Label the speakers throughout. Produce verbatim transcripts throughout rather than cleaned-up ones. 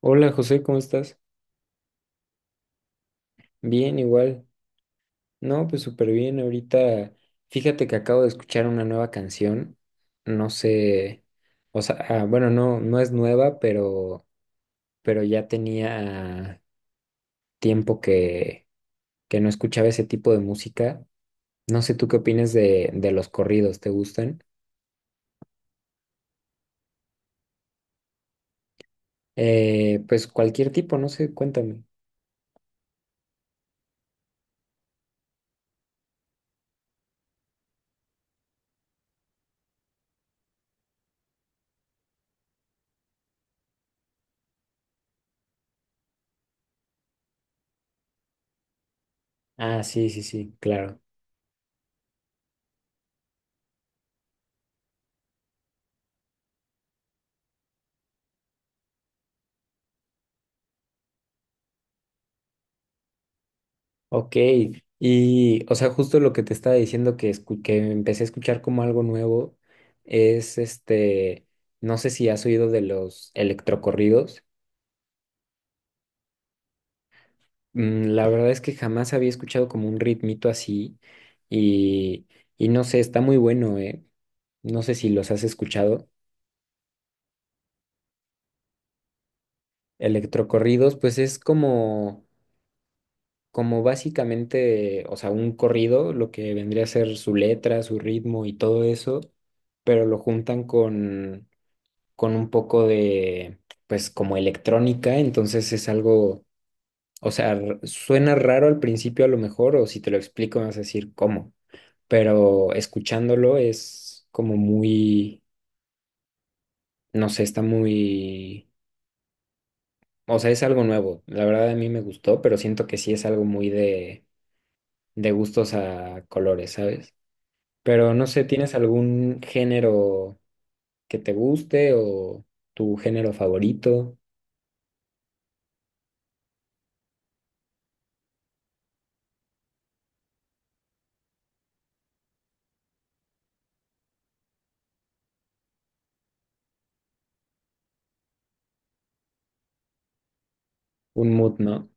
Speaker 1: Hola José, ¿cómo estás? Bien, igual. No, pues súper bien. Ahorita, fíjate que acabo de escuchar una nueva canción. No sé, o sea, ah, bueno, no, no es nueva, pero, pero ya tenía tiempo que, que no escuchaba ese tipo de música. No sé, ¿tú qué opinas de, de los corridos? ¿Te gustan? Eh, pues cualquier tipo, no sé, cuéntame. Ah, sí, sí, sí, claro. Ok, y o sea, justo lo que te estaba diciendo que, escu- que empecé a escuchar como algo nuevo es este, no sé si has oído de los electrocorridos. Mm, la verdad es que jamás había escuchado como un ritmito así y, y no sé, está muy bueno, ¿eh? No sé si los has escuchado. Electrocorridos, pues es como, como básicamente, o sea, un corrido, lo que vendría a ser su letra, su ritmo y todo eso, pero lo juntan con con un poco de, pues como electrónica, entonces es algo, o sea, r- suena raro al principio a lo mejor, o si te lo explico me vas a decir cómo, pero escuchándolo es como muy, no sé, está muy, o sea, es algo nuevo, la verdad a mí me gustó, pero siento que sí es algo muy de, de gustos a colores, ¿sabes? Pero no sé, ¿tienes algún género que te guste o tu género favorito? Un mood, ¿no?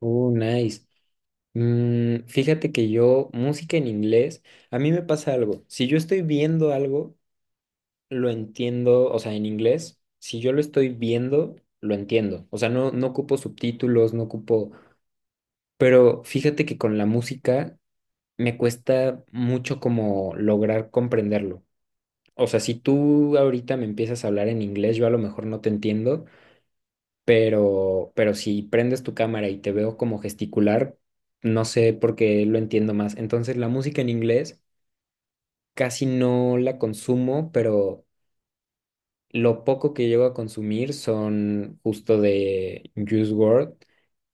Speaker 1: Uh, nice. Mm, fíjate que yo, música en inglés, a mí me pasa algo. Si yo estoy viendo algo, lo entiendo, o sea, en inglés, si yo lo estoy viendo, lo entiendo. O sea, no, no ocupo subtítulos, no ocupo. Pero fíjate que con la música me cuesta mucho como lograr comprenderlo. O sea, si tú ahorita me empiezas a hablar en inglés, yo a lo mejor no te entiendo, pero, pero si prendes tu cámara y te veo como gesticular, no sé por qué lo entiendo más. Entonces, la música en inglés casi no la consumo, pero lo poco que llego a consumir son justo de Juice world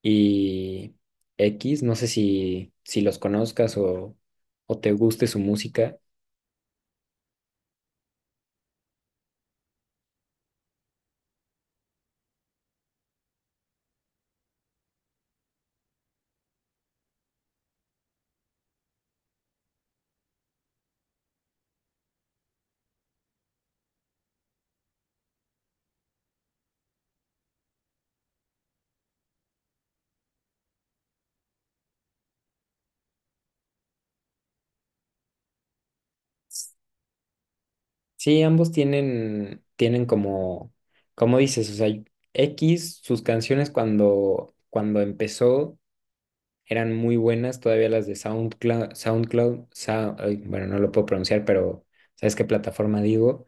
Speaker 1: y X. No sé si, si los conozcas o, o te guste su música. Sí, ambos tienen, tienen como, como dices, o sea, X, sus canciones cuando, cuando empezó. Eran muy buenas todavía las de SoundCloud, SoundCloud, Sou- ay, bueno, no lo puedo pronunciar, pero ¿sabes qué plataforma digo?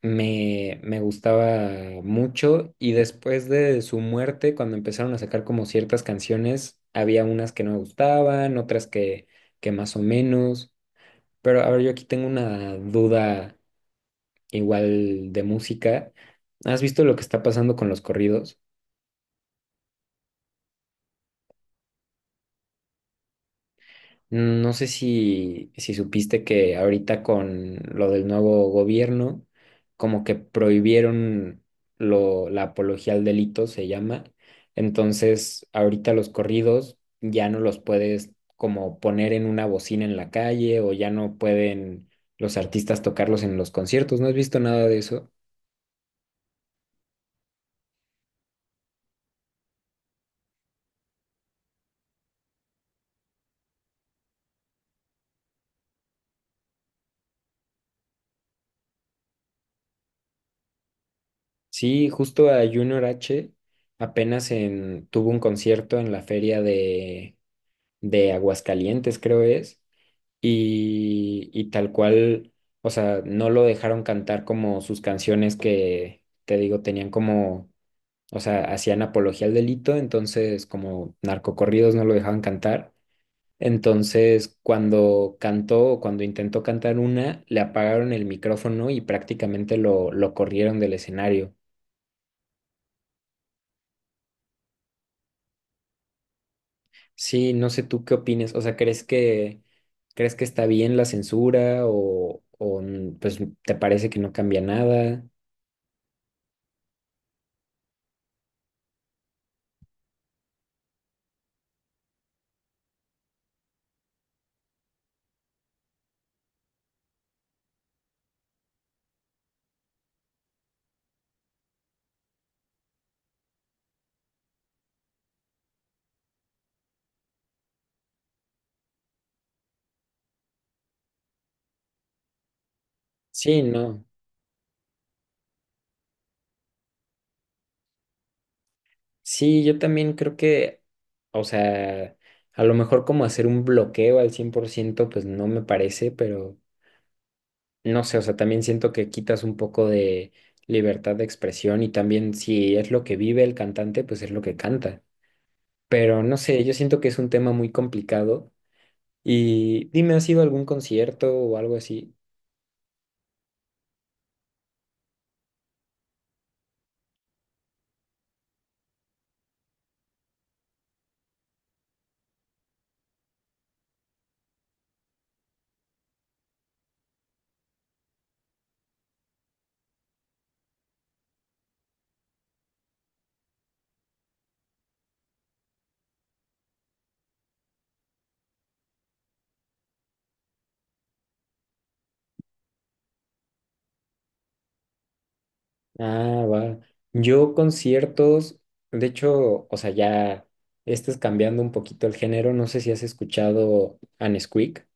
Speaker 1: Me, me gustaba mucho y después de su muerte, cuando empezaron a sacar como ciertas canciones, había unas que no me gustaban, otras que, que más o menos, pero a ver, yo aquí tengo una duda igual de música. ¿Has visto lo que está pasando con los corridos? Mm, No sé si, si supiste que ahorita con lo del nuevo gobierno, como que prohibieron lo, la apología al delito, se llama. Entonces, ahorita los corridos ya no los puedes como poner en una bocina en la calle o ya no pueden los artistas tocarlos en los conciertos. ¿No has visto nada de eso? Sí, justo a Junior H apenas en, tuvo un concierto en la feria de, de Aguascalientes, creo es y, y tal cual, o sea, no lo dejaron cantar como sus canciones que, te digo, tenían como, o sea, hacían apología al delito, entonces como narcocorridos no lo dejaban cantar. Entonces, cuando cantó, o cuando intentó cantar una, le apagaron el micrófono y prácticamente lo, lo corrieron del escenario. Sí, no sé tú qué opines, o sea, ¿crees que, crees que está bien la censura o, o pues te parece que no cambia nada? Sí, no. Sí, yo también creo que, o sea, a lo mejor como hacer un bloqueo al cien por ciento, pues no me parece, pero no sé, o sea, también siento que quitas un poco de libertad de expresión y también si es lo que vive el cantante, pues es lo que canta. Pero no sé, yo siento que es un tema muy complicado y dime, ¿has ido a algún concierto o algo así? Ah, va. Yo conciertos, de hecho, o sea, ya estás cambiando un poquito el género. No sé si has escuchado a Nesquik.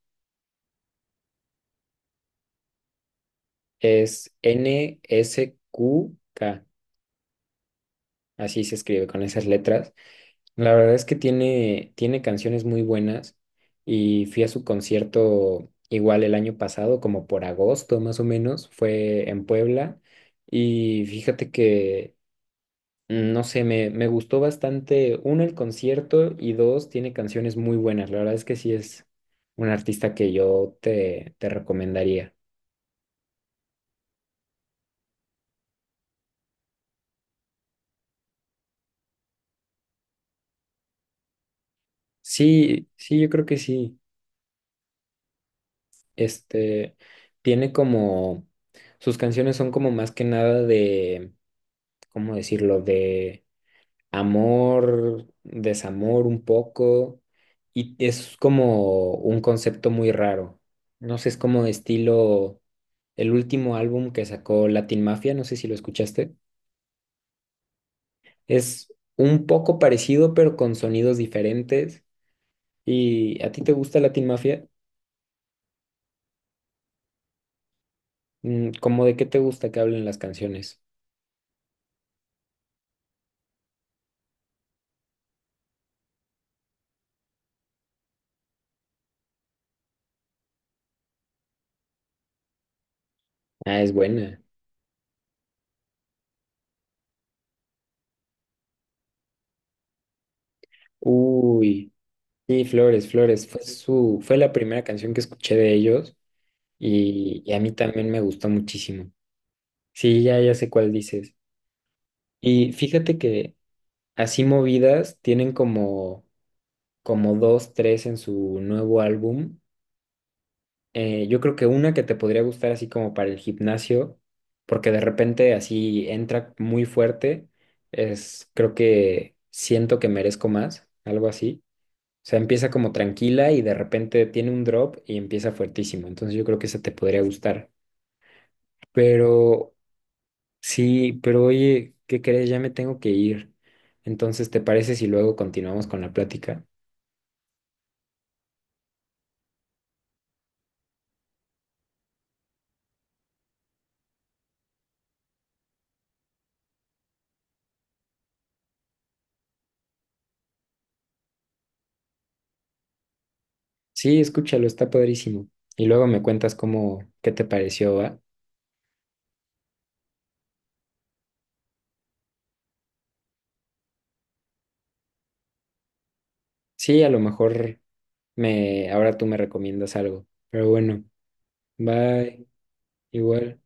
Speaker 1: Es N S Q K. Así se escribe con esas letras. La verdad es que tiene, tiene canciones muy buenas y fui a su concierto igual el año pasado, como por agosto más o menos. Fue en Puebla y fíjate que, mm, no sé, me, me gustó bastante, uno, el concierto y dos, tiene canciones muy buenas. La verdad es que sí es un artista que yo te, te recomendaría. Sí, sí, yo creo que sí. Este, tiene como, sus canciones son como más que nada de, ¿cómo decirlo? De amor, desamor un poco, y es como un concepto muy raro. No sé, es como estilo el último álbum que sacó Latin Mafia, no sé si lo escuchaste. Es un poco parecido, pero con sonidos diferentes. ¿Y a ti te gusta Latin Mafia? Mm, ¿Cómo de qué te gusta que hablen las canciones? Ah, es buena. Uy, sí, Flores, Flores, fue su, fue la primera canción que escuché de ellos y, y a mí también me gustó muchísimo. Sí, ya, ya sé cuál dices. Y fíjate que así movidas tienen como, como dos, tres en su nuevo álbum. Eh, yo creo que una que te podría gustar así como para el gimnasio, porque de repente así entra muy fuerte, es creo que siento que merezco más, algo así. O sea, empieza como tranquila y de repente tiene un drop y empieza fuertísimo. Entonces yo creo que esa te podría gustar. Pero Sí, pero oye, ¿qué crees? Ya me tengo que ir. Entonces, ¿te parece si luego continuamos con la plática? Sí, escúchalo, está padrísimo. Y luego me cuentas cómo, qué te pareció, ¿va? Sí, a lo mejor me, ahora tú me recomiendas algo. Pero bueno, bye, igual.